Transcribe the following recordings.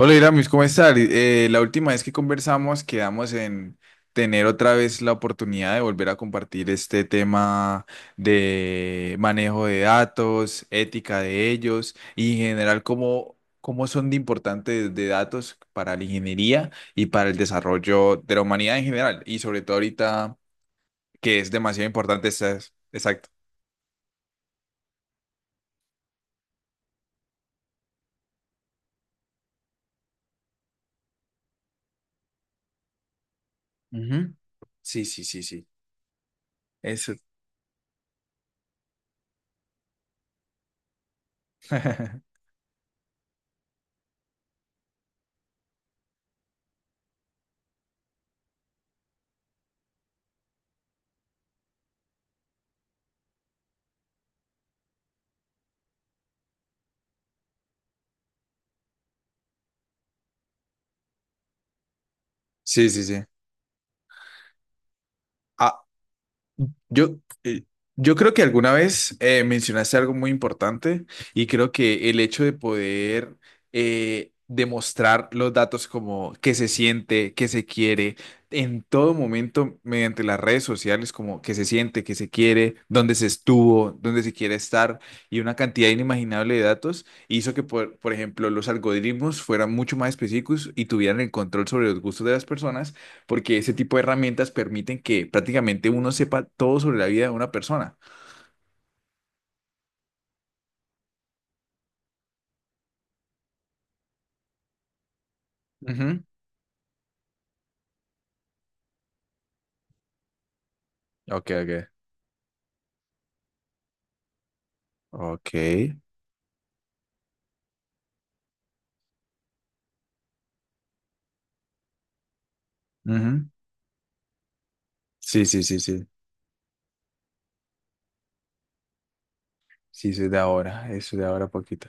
Hola Iramis, ¿cómo estás? La última vez que conversamos quedamos en tener otra vez la oportunidad de volver a compartir este tema de manejo de datos, ética de ellos y en general cómo son de importantes de datos para la ingeniería y para el desarrollo de la humanidad en general y sobre todo ahorita que es demasiado importante. Exacto. Ujú. Sí, sí, sí, sí. Eso. Sí, sí, sí. Yo, eh, yo creo que alguna vez mencionaste algo muy importante y creo que el hecho de poder demostrar los datos como que se siente, que se quiere, en todo momento mediante las redes sociales, como que se siente, que se quiere, dónde se estuvo, dónde se quiere estar y una cantidad inimaginable de datos hizo que, por ejemplo, los algoritmos fueran mucho más específicos y tuvieran el control sobre los gustos de las personas porque ese tipo de herramientas permiten que prácticamente uno sepa todo sobre la vida de una persona. Ujú. Ok, ok. Ok. Ujú. Sí, sí, sí, sí. Sí, eso es de ahora, eso es de ahora poquito.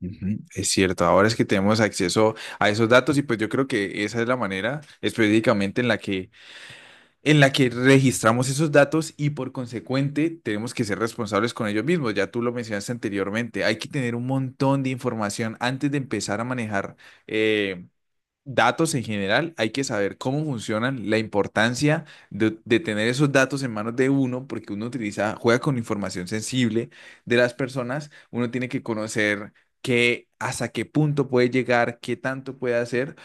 Ujú. Es cierto, ahora es que tenemos acceso a esos datos y pues yo creo que esa es la manera específicamente en en la que registramos esos datos y por consecuente tenemos que ser responsables con ellos mismos. Ya tú lo mencionaste anteriormente, hay que tener un montón de información antes de empezar a manejar eh, datos en general, hay que saber cómo funcionan, la importancia de tener esos datos en manos de uno, porque uno utiliza, juega con información sensible de las personas, uno tiene que conocer que hasta qué punto puede llegar, qué tanto puede hacer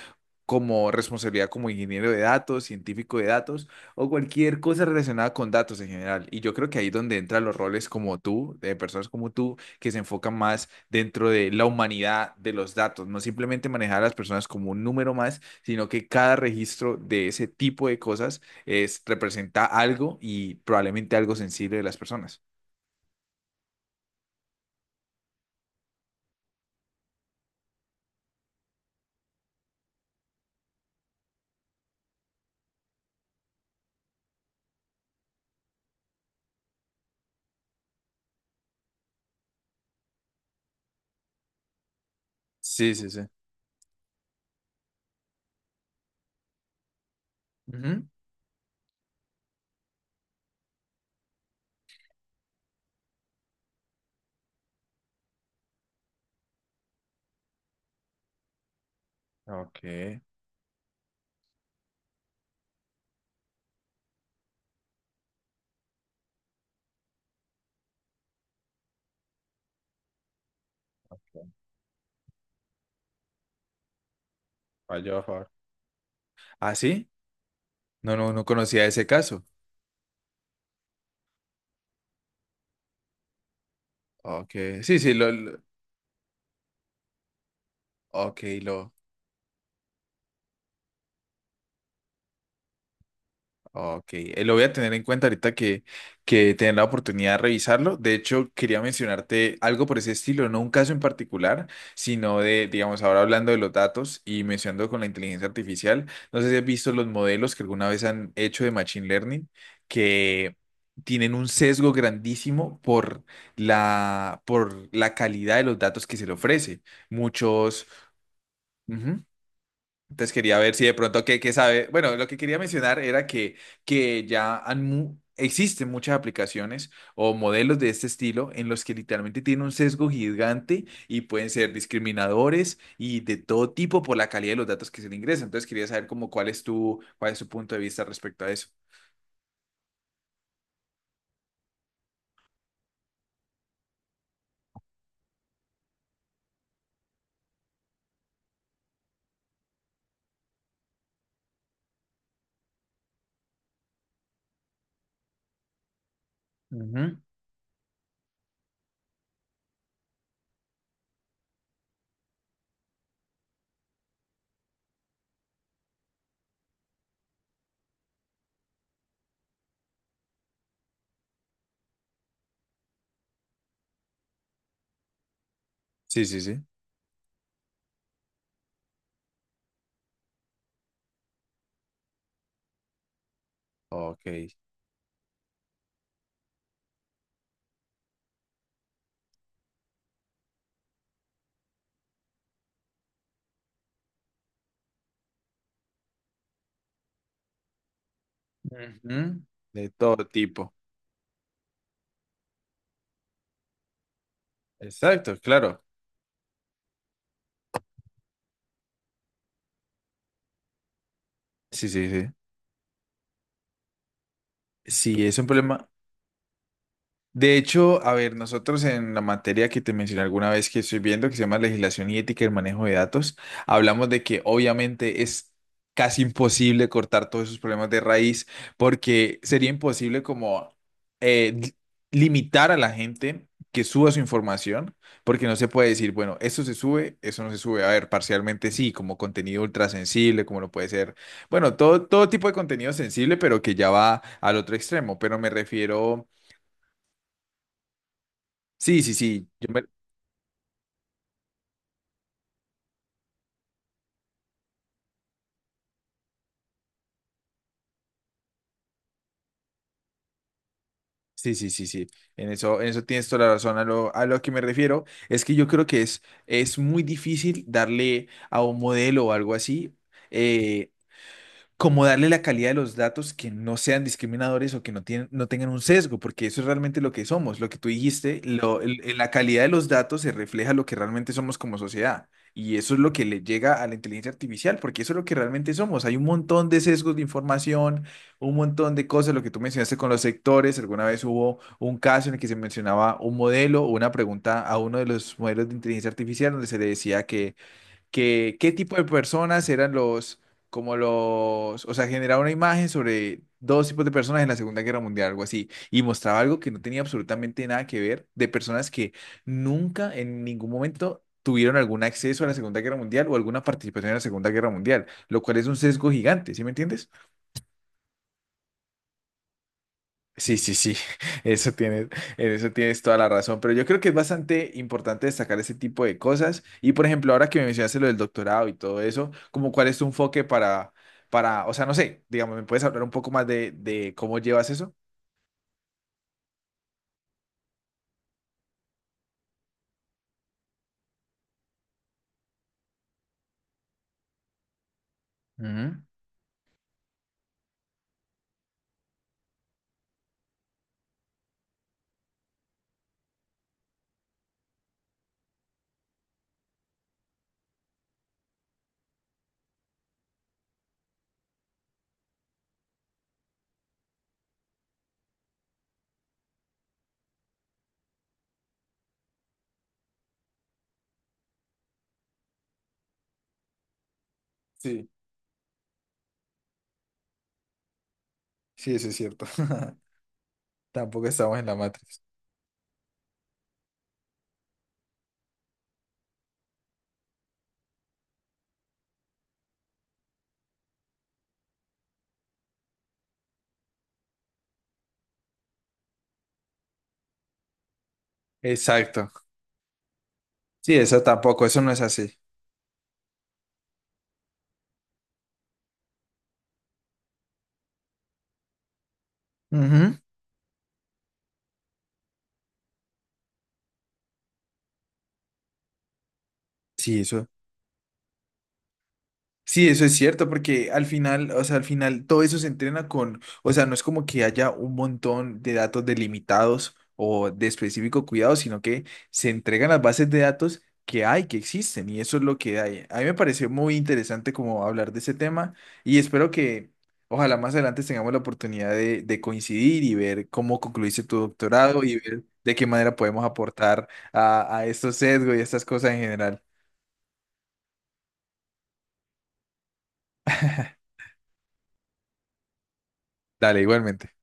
como responsabilidad como ingeniero de datos, científico de datos o cualquier cosa relacionada con datos en general. Y yo creo que ahí es donde entran los roles como tú, de personas como tú, que se enfocan más dentro de la humanidad de los datos, no simplemente manejar a las personas como un número más, sino que cada registro de ese tipo de cosas es, representa algo y probablemente algo sensible de las personas. Sí, sí, sí. Ujú. Ok. Falló, a favor. ¿Ah, sí? No, no, no conocía ese caso. Ok, sí, sí, Ok, ok. Lo voy a tener en cuenta ahorita que tener la oportunidad de revisarlo. De hecho, quería mencionarte algo por ese estilo, no un caso en particular, sino de, digamos, ahora hablando de los datos y mencionando con la inteligencia artificial. No sé si has visto los modelos que alguna vez han hecho de Machine Learning, que tienen un sesgo grandísimo por por la calidad de los datos que se le ofrece. Muchos. Entonces quería ver si de pronto qué sabe. Bueno, lo que quería mencionar era que ya existen muchas aplicaciones o modelos de este estilo en los que literalmente tienen un sesgo gigante y pueden ser discriminadores y de todo tipo por la calidad de los datos que se le ingresan. Entonces quería saber como cuál es cuál es tu punto de vista respecto a eso. Ujú. Sí, sí, sí. Ok. Ujú. De todo tipo. Exacto, claro. Sí, sí, sí. Sí, es un problema. De hecho, a ver, nosotros en la materia que te mencioné alguna vez que estoy viendo, que se llama Legislación y Ética del Manejo de Datos, hablamos de que obviamente es casi imposible cortar todos esos problemas de raíz porque sería imposible como eh, li- limitar a la gente que suba su información, porque no se puede decir, bueno, esto se sube, eso no se sube. A ver, parcialmente sí, como contenido ultra sensible, como lo puede ser, bueno, todo tipo de contenido sensible, pero que ya va al otro extremo, pero me refiero... Sí, sí, sí, sí, sí, sí, sí, en en eso tienes toda la razón. A a lo que me refiero es que yo creo que es muy difícil darle a un modelo o algo así eh, como darle la calidad de los datos que no sean discriminadores o que no, tienen, no tengan un sesgo, porque eso es realmente lo que somos, lo que tú dijiste, en la calidad de los datos se refleja lo que realmente somos como sociedad. Y eso es lo que le llega a la inteligencia artificial, porque eso es lo que realmente somos. Hay un montón de sesgos de información, un montón de cosas, lo que tú mencionaste con los sectores. Alguna vez hubo un caso en el que se mencionaba un modelo o una pregunta a uno de los modelos de inteligencia artificial donde se le decía que qué tipo de personas eran como o sea, generaba una imagen sobre dos tipos de personas en la Segunda Guerra Mundial, algo así, y mostraba algo que no tenía absolutamente nada que ver de personas que nunca en ningún momento tuvieron algún acceso a la Segunda Guerra Mundial o alguna participación en la Segunda Guerra Mundial, lo cual es un sesgo gigante, ¿sí me entiendes? Sí, sí, sí, eso tienes, en eso tienes toda la razón, pero yo creo que es bastante importante destacar ese tipo de cosas y por ejemplo, ahora que me mencionaste lo del doctorado y todo eso, como cuál es tu enfoque para, o sea, no sé, digamos, ¿me puedes hablar un poco más de cómo llevas eso? Ujú. Sí, sí, eso es cierto. Tampoco estamos en la matriz. Exacto. Sí, eso tampoco, eso no es así. Ujú. Sí, eso. Sí, eso es cierto, porque al final, o sea, al final todo eso se entrena con, o sea, no es como que haya un montón de datos delimitados o de específico cuidado, sino que se entregan las bases de datos que hay, que existen, y eso es lo que hay. A mí me pareció muy interesante como hablar de ese tema y espero que ojalá más adelante tengamos la oportunidad de coincidir y ver cómo concluiste tu doctorado y ver de qué manera podemos aportar a estos sesgos y a estas cosas en general. Dale, igualmente.